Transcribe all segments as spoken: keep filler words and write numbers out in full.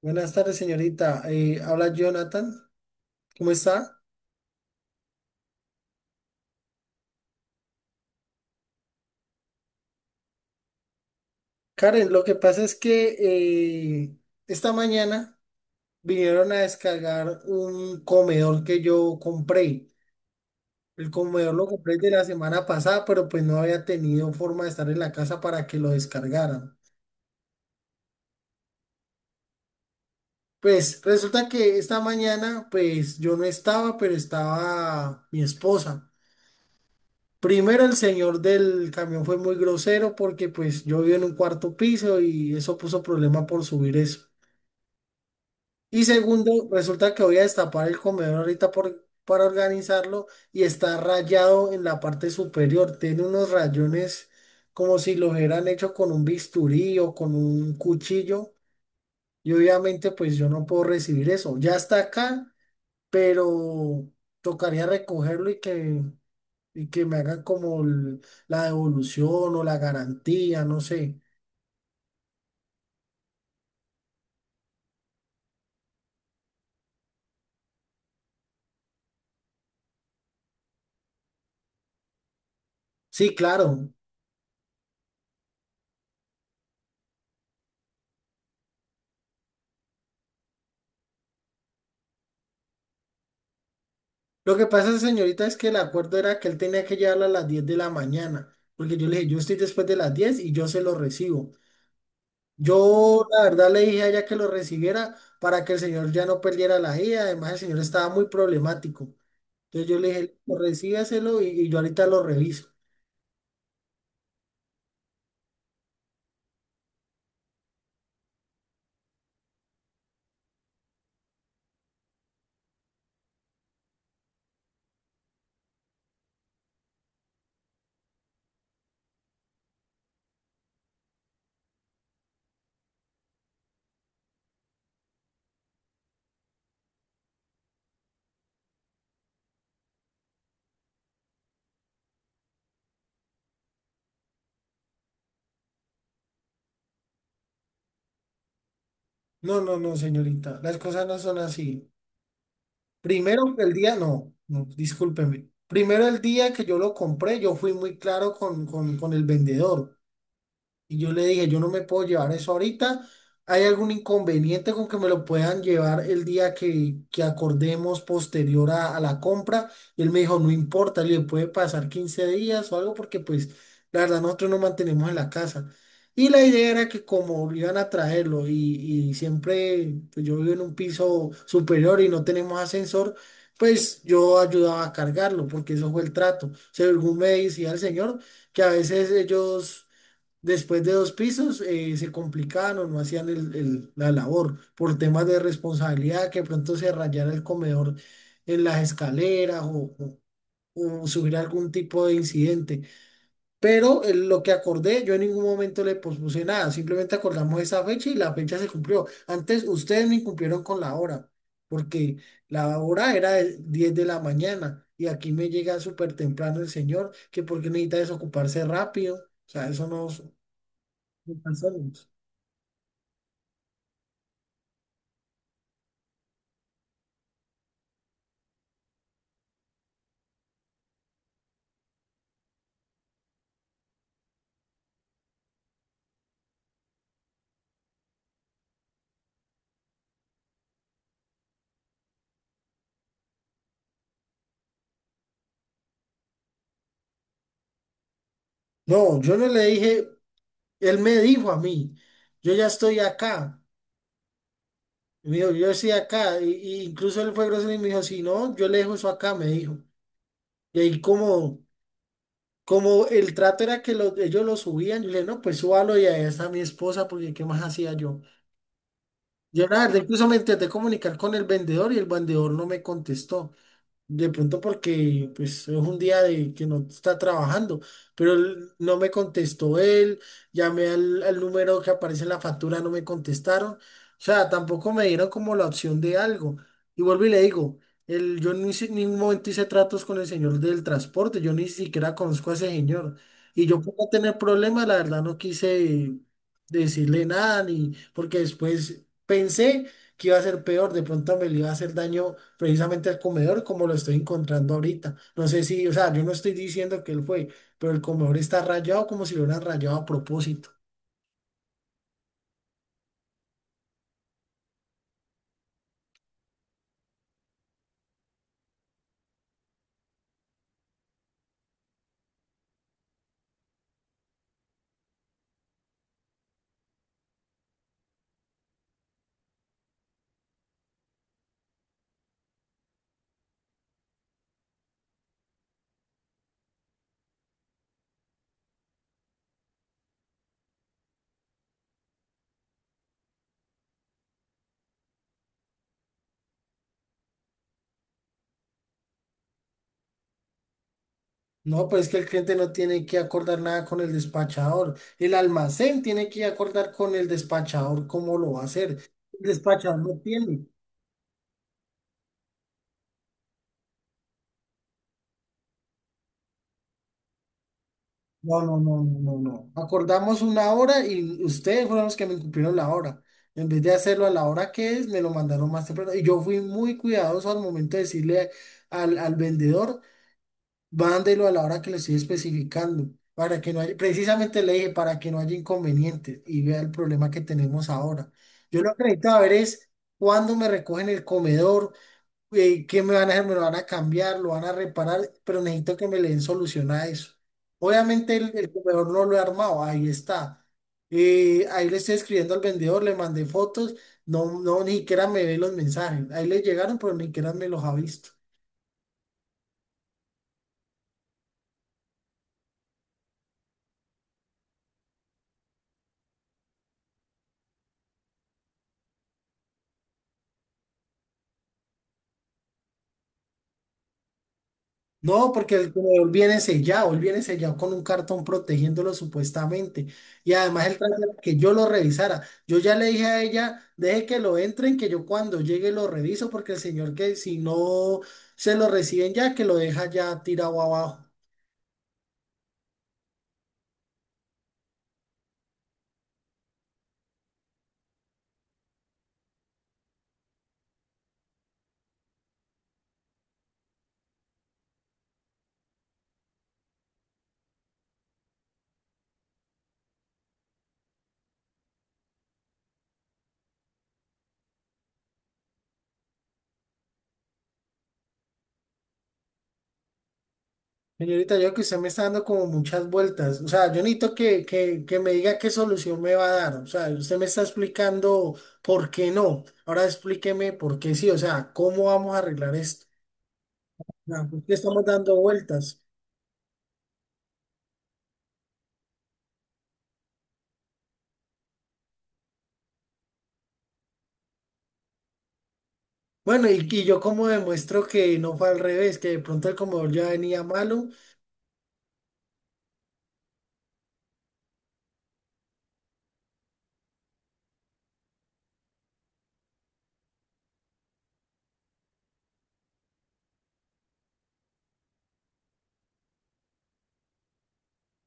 Buenas tardes, señorita. Eh, habla Jonathan. ¿Cómo está? Karen, lo que pasa es que eh, esta mañana vinieron a descargar un comedor que yo compré. El comedor lo compré de la semana pasada, pero pues no había tenido forma de estar en la casa para que lo descargaran. Pues resulta que esta mañana, pues yo no estaba, pero estaba mi esposa. Primero, el señor del camión fue muy grosero porque pues yo vivo en un cuarto piso y eso puso problema por subir eso. Y segundo, resulta que voy a destapar el comedor ahorita por, para organizarlo y está rayado en la parte superior. Tiene unos rayones como si lo hubieran hecho con un bisturí o con un cuchillo. Y obviamente pues yo no puedo recibir eso. Ya está acá, pero tocaría recogerlo y que y que me hagan como el- la devolución o la garantía, no sé. Sí, claro. Lo que pasa, señorita, es que el acuerdo era que él tenía que llevarla a las diez de la mañana, porque yo le dije, yo estoy después de las diez y yo se lo recibo. Yo, la verdad, le dije a ella que lo recibiera para que el señor ya no perdiera la ida. Además, el señor estaba muy problemático. Entonces yo le dije, recíbaselo y, y yo ahorita lo reviso. No, no, no, señorita, las cosas no son así. Primero que el día, no, no, discúlpeme. Primero el día que yo lo compré, yo fui muy claro con, con, con el vendedor y yo le dije, yo no me puedo llevar eso ahorita. ¿Hay algún inconveniente con que me lo puedan llevar el día que, que acordemos posterior a, a la compra? Y él me dijo, no importa, le puede pasar quince días o algo porque pues la verdad nosotros nos mantenemos en la casa. Y la idea era que como iban a traerlo y, y siempre pues, yo vivo en un piso superior y no tenemos ascensor, pues yo ayudaba a cargarlo porque eso fue el trato. Según me decía el señor, que a veces ellos después de dos pisos eh, se complicaban o no hacían el- el- la labor por temas de responsabilidad, que pronto se rayara el comedor en las escaleras o, o- o subir algún tipo de incidente. Pero eh, lo que acordé, yo en ningún momento le pospuse nada, simplemente acordamos esa fecha y la fecha se cumplió. Antes ustedes me incumplieron con la hora, porque la hora era de diez de la mañana y aquí me llega súper temprano el señor, que porque necesita desocuparse rápido. O sea, eso no me cansaron. No, yo no le dije, él me dijo a mí, yo ya estoy acá. Y Me dijo, yo estoy acá. Y, y incluso él fue grosero y me dijo, si no, yo le dejo eso acá, me dijo. Y ahí como, como el trato era que lo- ellos lo subían, yo le dije, no, pues súbalo y ahí está mi esposa, porque ¿qué más hacía yo? Yo la verdad, incluso me intenté comunicar con el vendedor y el vendedor no me contestó. De pronto porque pues es un día de que no está trabajando, pero él no me contestó él, llamé al, al número que aparece en la factura, no me contestaron, o sea, tampoco me dieron como la opción de algo. Y vuelvo y le digo, el, yo ni si- en ningún momento hice tratos con el señor del transporte, yo ni siquiera conozco a ese señor. Y yo por no tener problemas, la verdad no quise decirle nada, ni porque después pensé que iba a ser peor, de pronto me le iba a hacer daño precisamente al comedor como lo estoy encontrando ahorita. No sé si, o sea, yo no estoy diciendo que él fue, pero el comedor está rayado como si lo hubieran rayado a propósito. No, pues es que el cliente no tiene que acordar nada con el despachador. El almacén tiene que acordar con el despachador cómo lo va a hacer. El despachador no tiene. No, no, no, no, no, no. Acordamos una hora y ustedes fueron los que me incumplieron la hora. En vez de hacerlo a la hora que es, me lo mandaron más temprano. Y yo fui muy cuidadoso al momento de decirle al, al vendedor, mándelo a la hora que le estoy especificando, para que no haya, precisamente le dije, para que no haya inconvenientes y vea el problema que tenemos ahora. Yo lo que necesito saber es cuándo me recogen el comedor, eh, ¿qué me van a hacer? Me lo van a cambiar, lo van a reparar, pero necesito que me le den solución a eso. Obviamente el, el comedor no lo he armado, ahí está. Eh, ahí le estoy escribiendo al vendedor, le mandé fotos, no, no, ni siquiera me ve los mensajes. Ahí le llegaron, pero ni siquiera me los ha visto. No, porque el comedor viene sellado, él viene sellado con un cartón protegiéndolo supuestamente. Y además él trata de que yo lo revisara. Yo ya le dije a ella, deje que lo entren, que yo cuando llegue lo reviso, porque el señor que si no se lo reciben ya, que lo deja ya tirado abajo. Señorita, yo creo que usted me está dando como muchas vueltas. O sea, yo necesito que, que, que me diga qué solución me va a dar. O sea, usted me está explicando por qué no. Ahora explíqueme por qué sí. O sea, ¿cómo vamos a arreglar esto? Ah, ¿por qué estamos dando vueltas? Bueno, y, y yo como demuestro que no fue al revés, que de pronto el comedor ya venía malo,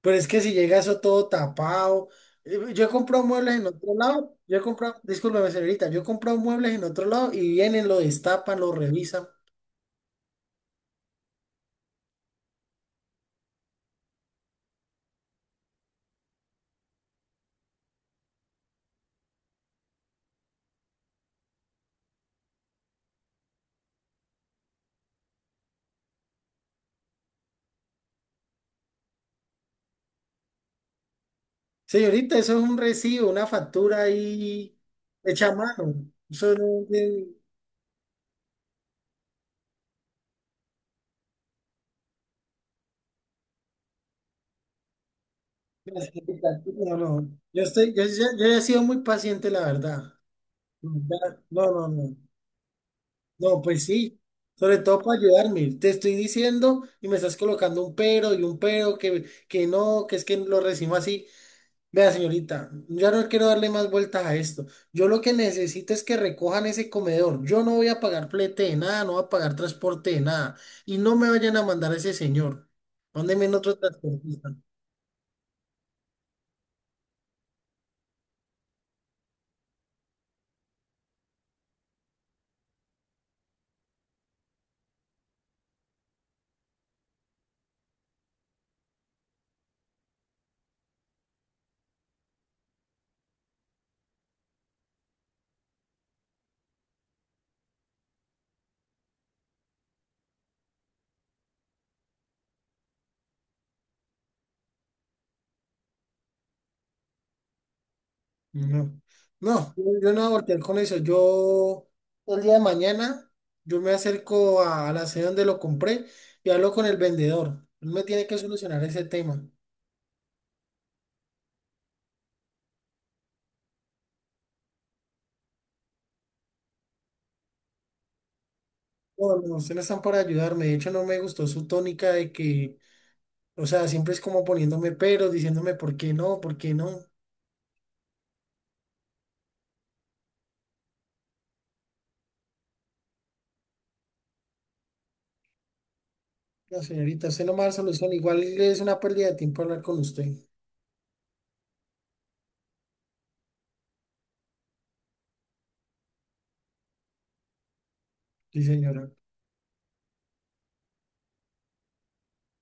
pero es que si llega eso todo tapado. eh, Yo he comprado muebles en otro lado, yo he comprado, discúlpeme señorita, yo he comprado muebles en otro lado y vienen, lo destapan, lo revisan. Señorita, eso es un recibo, una factura ahí hecha a mano. Eso no tiene. No, no. Yo estoy, yo, yo- Yo he sido muy paciente, la verdad. No, no, no, no. No, pues sí, sobre todo para ayudarme. Te estoy diciendo y me estás colocando un pero y un pero que, que no, que es que lo recibo así. Vea, señorita, ya no quiero darle más vueltas a esto. Yo lo que necesito es que recojan ese comedor. Yo no voy a pagar flete de nada, no voy a pagar transporte de nada. Y no me vayan a mandar a ese señor. Mándenme en otro transporte. No, no, yo no voy a voltear con eso. Yo el día de mañana, yo me acerco a la sede donde lo compré y hablo con el vendedor. Él me tiene que solucionar ese tema. Bueno, ustedes no están para ayudarme. De hecho, no me gustó su tónica de que, o sea, siempre es como poniéndome peros, diciéndome por qué no, por qué no. No, señorita, usted no me da solución. Igual es una pérdida de tiempo hablar con usted. Sí, señora.